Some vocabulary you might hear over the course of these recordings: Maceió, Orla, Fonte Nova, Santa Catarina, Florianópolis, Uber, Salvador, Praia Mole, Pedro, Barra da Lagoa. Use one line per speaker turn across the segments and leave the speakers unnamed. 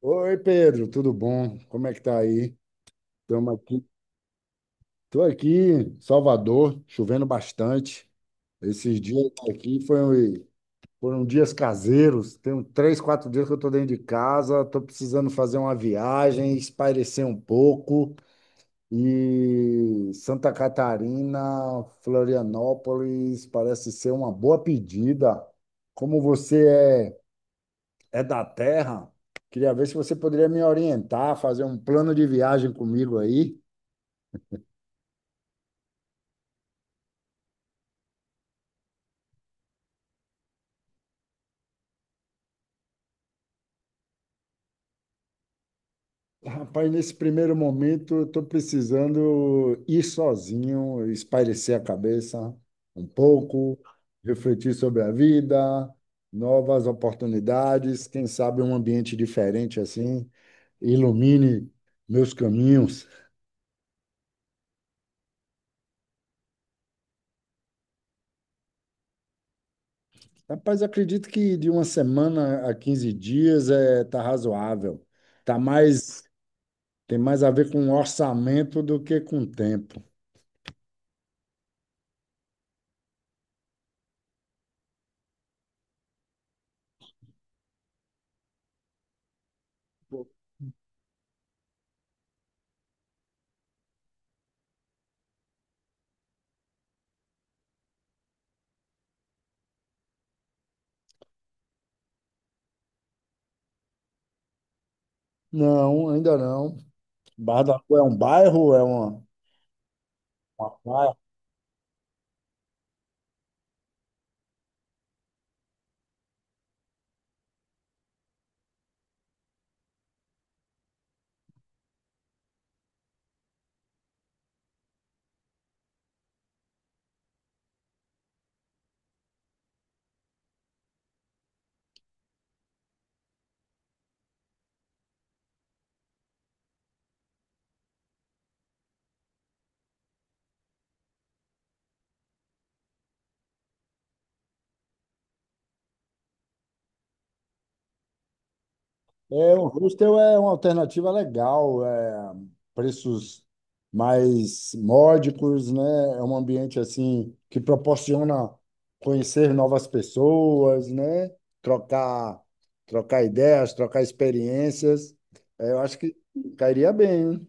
Oi, Pedro, tudo bom? Como é que tá aí? Estamos aqui. Estou aqui em Salvador, chovendo bastante. Esses dias aqui foram dias caseiros. Tem uns três, quatro dias que eu estou dentro de casa. Estou precisando fazer uma viagem, espairecer um pouco. E Santa Catarina, Florianópolis, parece ser uma boa pedida. Como você é da terra. Queria ver se você poderia me orientar, fazer um plano de viagem comigo aí. Rapaz, nesse primeiro momento, eu estou precisando ir sozinho, espairecer a cabeça um pouco, refletir sobre a vida, novas oportunidades, quem sabe um ambiente diferente assim, ilumine meus caminhos. Rapaz, acredito que de uma semana a 15 dias é, tá razoável. Tá mais. Tem mais a ver com orçamento do que com tempo. Não, ainda não. Barra da Rua é um bairro, é uma praia. É, o hostel é uma alternativa legal, é preços mais módicos, né? É um ambiente assim que proporciona conhecer novas pessoas, né? Trocar, trocar ideias, trocar experiências. É, eu acho que cairia bem, hein?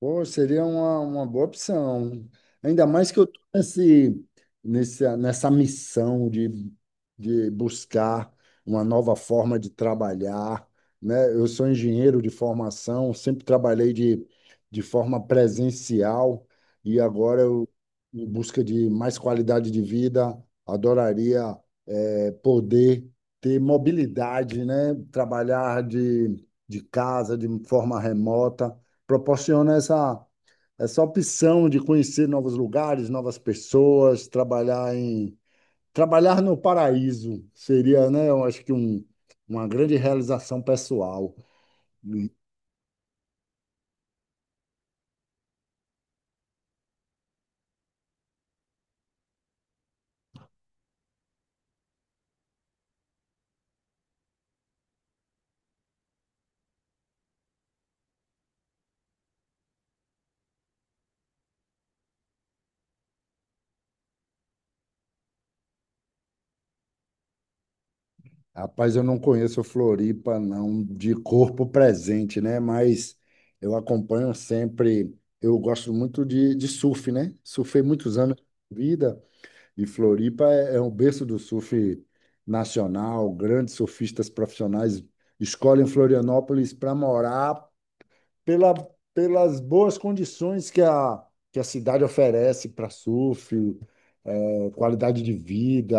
Pô, seria uma boa opção. Ainda mais que eu tô nesse, nessa missão de buscar uma nova forma de trabalhar, né? Eu sou engenheiro de formação, sempre trabalhei de forma presencial e agora eu, em busca de mais qualidade de vida, adoraria é, poder ter mobilidade, né? Trabalhar de casa, de forma remota, proporciona essa, essa opção de conhecer novos lugares, novas pessoas, trabalhar no paraíso seria, né? Eu acho que um, uma grande realização pessoal. Rapaz, eu não conheço Floripa, não, de corpo presente, né? Mas eu acompanho sempre. Eu gosto muito de surf, né? Surfei muitos anos de vida e Floripa é, é um berço do surf nacional. Grandes surfistas profissionais escolhem Florianópolis para morar pela, pelas boas condições que a cidade oferece para surf, qualidade de vida.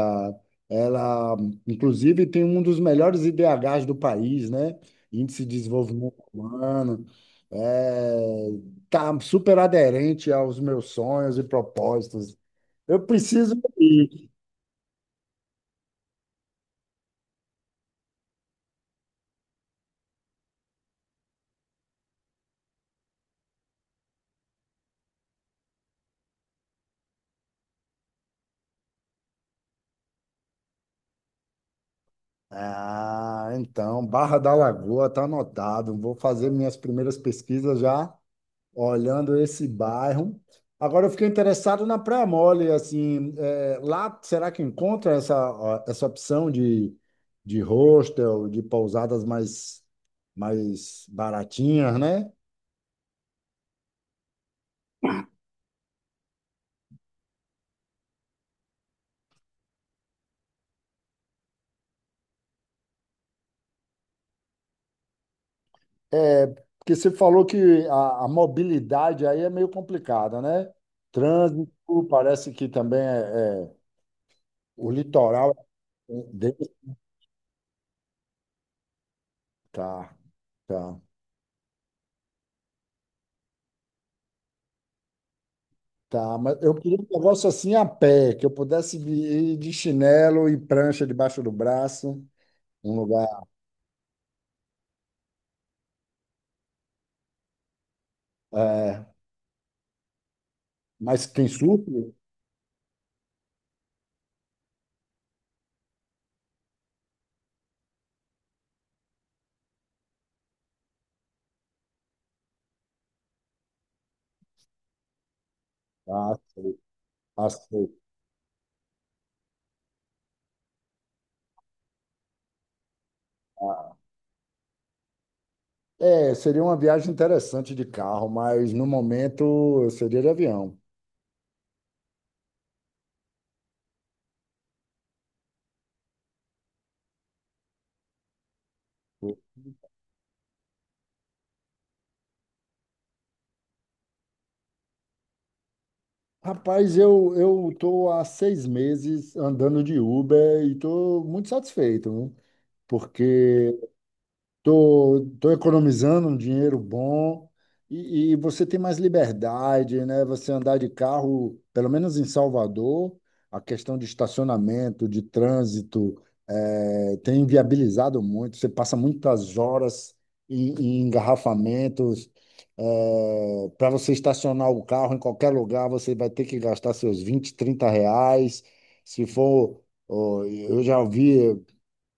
Ela, inclusive, tem um dos melhores IDHs do país, né? Índice de Desenvolvimento Humano. É, tá super aderente aos meus sonhos e propósitos. Eu preciso ir. Ah, então, Barra da Lagoa tá anotado. Vou fazer minhas primeiras pesquisas já olhando esse bairro. Agora eu fiquei interessado na Praia Mole, assim, é, lá será que encontra essa, ó, essa opção de hostel, de pousadas mais, mais baratinhas, né? É, porque você falou que a mobilidade aí é meio complicada, né? Trânsito, parece que também é o litoral é denso. Tá, tá. Tá, mas eu queria um negócio assim a pé, que eu pudesse ir de chinelo e prancha debaixo do braço, um lugar. É, mas quem supre? Ah, ah, sei. É, seria uma viagem interessante de carro, mas no momento eu seria de avião. Rapaz, eu tô há 6 meses andando de Uber e tô muito satisfeito, né? Porque tô economizando um dinheiro bom e você tem mais liberdade, né? Você andar de carro, pelo menos em Salvador, a questão de estacionamento, de trânsito, tem inviabilizado muito. Você passa muitas horas em, em engarrafamentos. Para você estacionar o carro em qualquer lugar, você vai ter que gastar seus 20, 30 reais. Se for, ó, eu já vi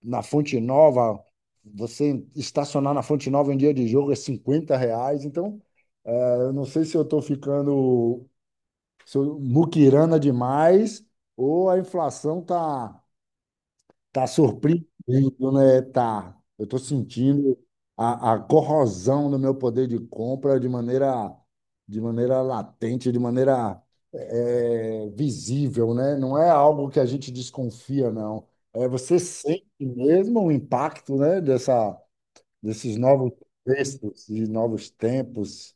na Fonte Nova, você estacionar na Fonte Nova em dia de jogo é 50 reais. Então, é, eu não sei se eu estou ficando se eu, muquirana demais, ou a inflação tá. Tá surpreendendo, né? Tá. Eu estou sentindo a corrosão do meu poder de compra de maneira latente, de maneira é, visível, né? Não é algo que a gente desconfia, não. É, você sente mesmo o impacto, né? Dessa, desses novos textos, de novos tempos.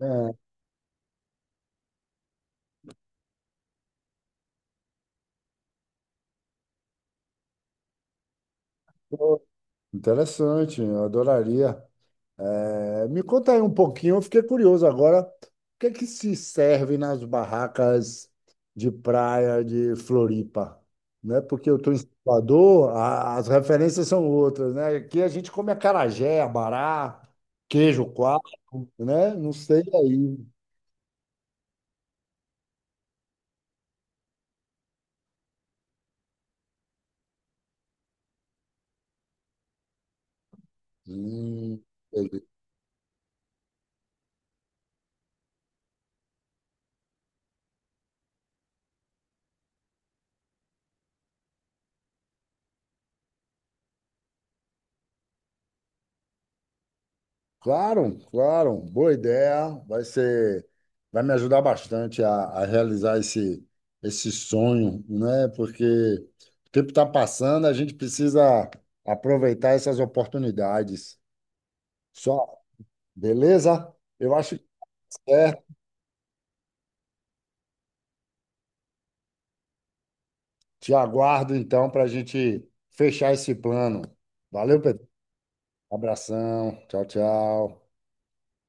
É, interessante, eu adoraria. É, é, me conta aí um pouquinho, eu fiquei curioso agora, o que é que se serve nas barracas de praia de Floripa, né? Porque eu estou em Salvador, a- as referências são outras, né? Aqui a gente come acarajé, abará, queijo coalho, né? Não sei aí. Hum, Claro, claro, boa ideia. Vai ser, vai me ajudar bastante a realizar esse, esse sonho, né? Porque o tempo está passando, a gente precisa aproveitar essas oportunidades. Só, beleza? Eu acho que é. Te aguardo então para a gente fechar esse plano. Valeu, Pedro. Abração. Tchau, tchau.